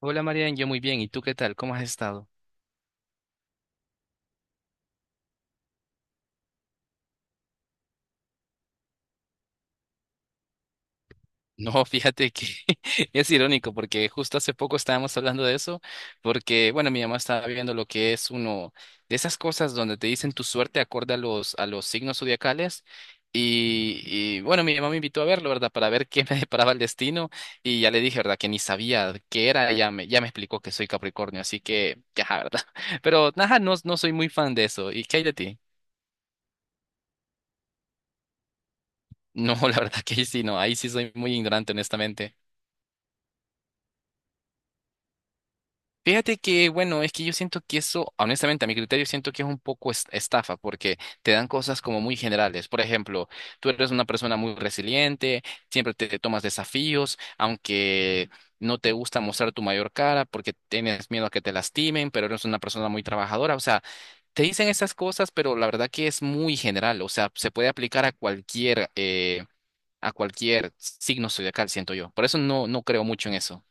Hola Marian, yo muy bien. ¿Y tú qué tal? ¿Cómo has estado? No, fíjate que es irónico porque justo hace poco estábamos hablando de eso, porque bueno, mi mamá estaba viendo lo que es uno de esas cosas donde te dicen tu suerte acorde a a los signos zodiacales. Y, bueno, mi mamá me invitó a verlo, ¿verdad? Para ver qué me deparaba el destino. Y ya le dije, ¿verdad? Que ni sabía qué era. Ya me explicó que soy Capricornio, así que, ya, ¿verdad? Pero nada, no, no soy muy fan de eso. ¿Y qué hay de ti? No, la verdad que ahí sí, no, ahí sí soy muy ignorante, honestamente. Fíjate que, bueno, es que yo siento que eso, honestamente, a mi criterio, siento que es un poco estafa, porque te dan cosas como muy generales. Por ejemplo, tú eres una persona muy resiliente, siempre te tomas desafíos, aunque no te gusta mostrar tu mayor cara porque tienes miedo a que te lastimen, pero eres una persona muy trabajadora. O sea, te dicen esas cosas, pero la verdad que es muy general. O sea, se puede aplicar a cualquier signo zodiacal, siento yo. Por eso no, no creo mucho en eso.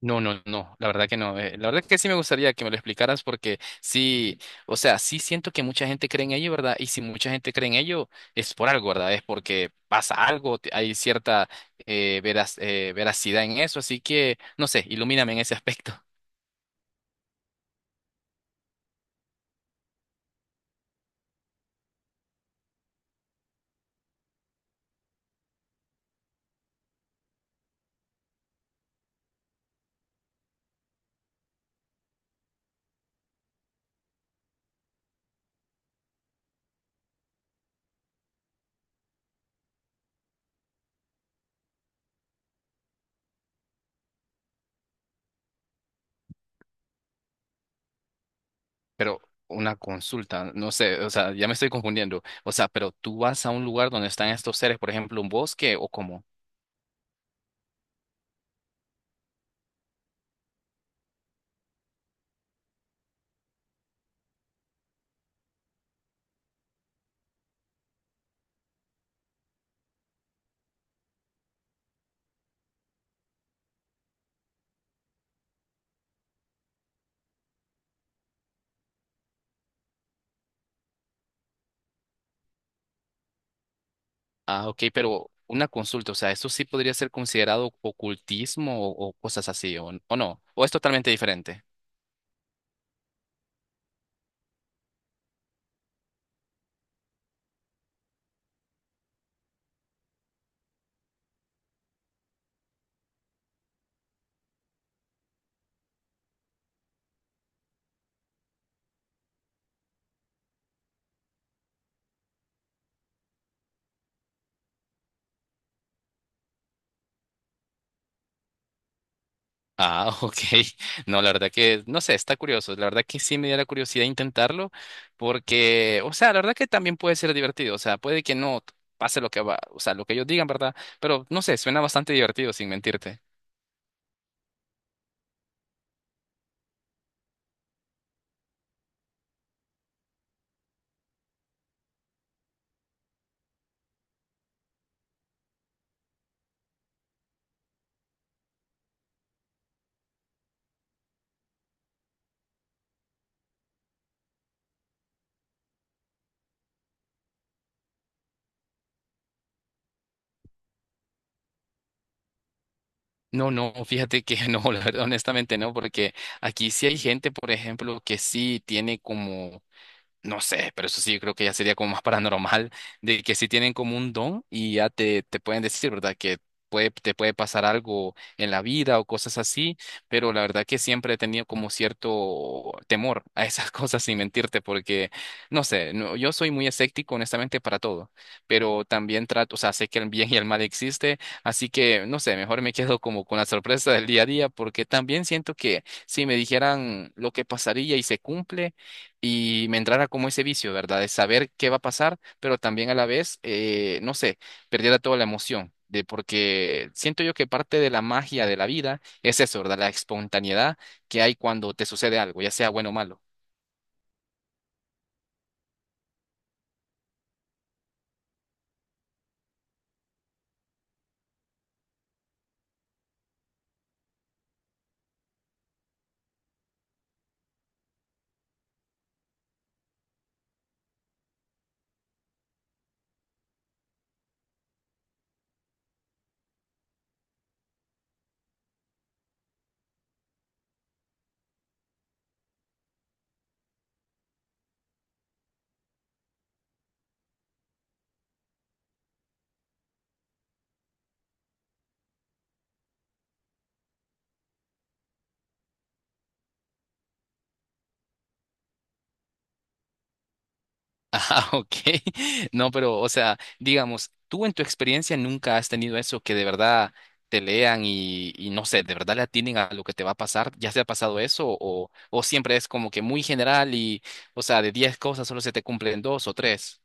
No, no, no, la verdad que no. La verdad que sí me gustaría que me lo explicaras porque sí, o sea, sí siento que mucha gente cree en ello, ¿verdad? Y si mucha gente cree en ello, es por algo, ¿verdad? Es porque pasa algo, hay cierta veracidad en eso, así que, no sé, ilumíname en ese aspecto. Pero una consulta, no sé, o sea, ya me estoy confundiendo. O sea, pero tú vas a un lugar donde están estos seres, por ejemplo, un bosque o cómo. Ah, ok, pero una consulta, o sea, ¿esto sí podría ser considerado ocultismo o cosas así, o no? ¿O es totalmente diferente? Ah, ok. No, la verdad que, no sé, está curioso. La verdad que sí me diera curiosidad intentarlo, porque, o sea, la verdad que también puede ser divertido, o sea, puede que no pase lo que va, o sea, lo que ellos digan, ¿verdad? Pero no sé, suena bastante divertido, sin mentirte. No, no, fíjate que no, la verdad, honestamente no, porque aquí sí hay gente, por ejemplo, que sí tiene como. No sé, pero eso sí, yo creo que ya sería como más paranormal, de que si tienen como un don y ya te pueden decir, ¿verdad? Que puede, te puede pasar algo en la vida o cosas así, pero la verdad que siempre he tenido como cierto temor a esas cosas sin mentirte, porque, no sé, no, yo soy muy escéptico honestamente para todo, pero también trato, o sea, sé que el bien y el mal existe, así que, no sé, mejor me quedo como con la sorpresa del día a día, porque también siento que si me dijeran lo que pasaría y se cumple, y me entrara como ese vicio, ¿verdad? De saber qué va a pasar, pero también a la vez, no sé, perdiera toda la emoción. De porque siento yo que parte de la magia de la vida es eso, ¿verdad? La espontaneidad que hay cuando te sucede algo, ya sea bueno o malo. Ah, ok. No, pero, o sea, digamos, tú en tu experiencia nunca has tenido eso que de verdad te lean y no sé, de verdad le atinen a lo que te va a pasar. ¿Ya se ha pasado eso? O siempre es como que muy general y, o sea, de 10 cosas solo se te cumplen dos o tres.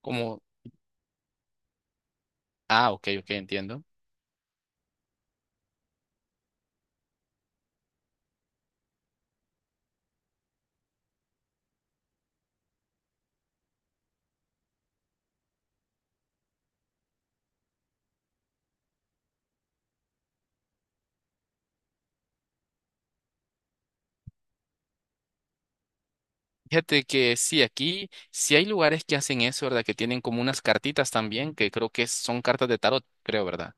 Como, ah, ok, ok, entiendo. Fíjate que sí, aquí sí hay lugares que hacen eso, ¿verdad? Que tienen como unas cartitas también, que creo que son cartas de tarot, creo, ¿verdad?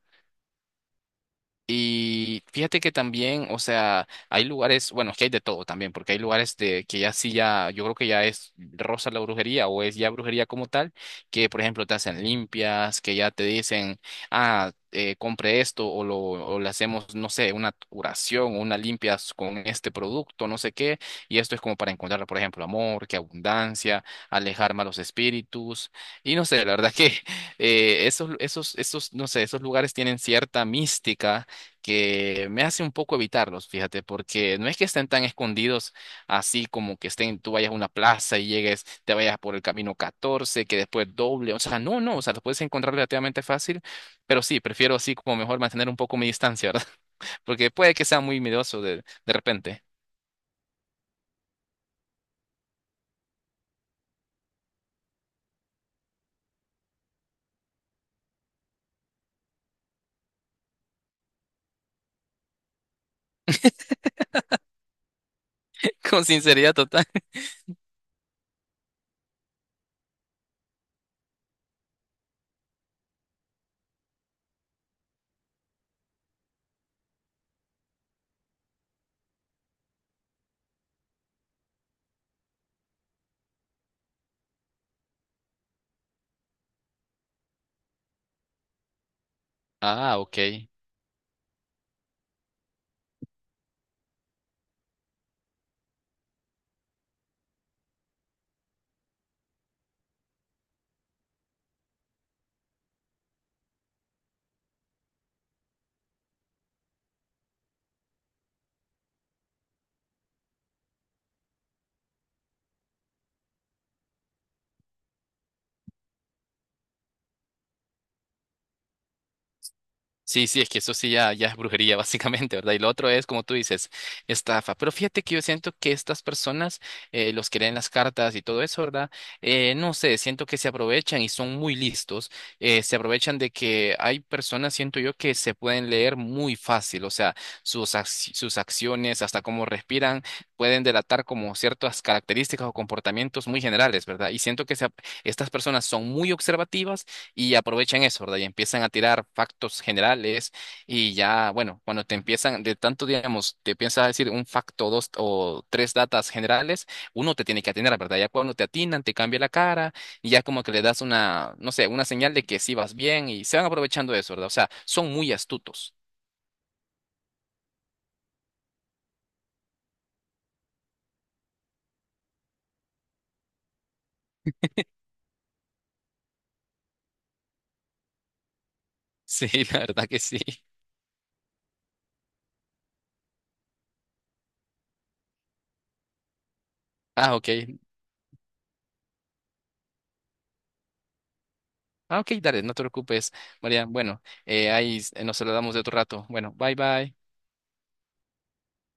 Y fíjate que también, o sea, hay lugares, bueno, es que hay de todo también, porque hay lugares de que ya sí ya, yo creo que ya es rosa la brujería o es ya brujería como tal, que por ejemplo te hacen limpias, que ya te dicen, ah, compre esto o lo o le hacemos, no sé, una curación o una limpia con este producto, no sé qué, y esto es como para encontrar, por ejemplo, amor, que abundancia, alejar malos espíritus, y no sé, la verdad que esos, no sé, esos lugares tienen cierta mística que me hace un poco evitarlos, fíjate, porque no es que estén tan escondidos así como que estén, tú vayas a una plaza y llegues, te vayas por el camino 14 que después doble, o sea, no, no, o sea, los puedes encontrar relativamente fácil, pero sí, prefiero así como mejor mantener un poco mi distancia, ¿verdad? Porque puede que sea muy miedoso de repente, con sinceridad total. Ah, ok. Sí, sí, es que eso sí ya, ya es brujería, básicamente, ¿verdad? Y lo otro es, como tú dices, estafa. Pero fíjate que yo siento que estas personas, los que leen las cartas y todo eso, ¿verdad? No sé, siento que se aprovechan y son muy listos. Se aprovechan de que hay personas, siento yo, que se pueden leer muy fácil. O sea, sus acciones, hasta cómo respiran, pueden delatar como ciertas características o comportamientos muy generales, ¿verdad? Y siento que estas personas son muy observativas y aprovechan eso, ¿verdad? Y empiezan a tirar factos generales y ya, bueno, cuando te empiezan de tanto, digamos, te piensas decir un facto, dos o tres datas generales, uno te tiene que atinar, ¿verdad? Ya cuando te atinan, te cambia la cara y ya como que le das una, no sé, una señal de que sí vas bien y se van aprovechando de eso, ¿verdad? O sea, son muy astutos. Sí, la verdad que sí. Ah, ok. Ah, ok, dale, no te preocupes, María. Bueno, ahí nos saludamos de otro rato. Bueno, bye bye.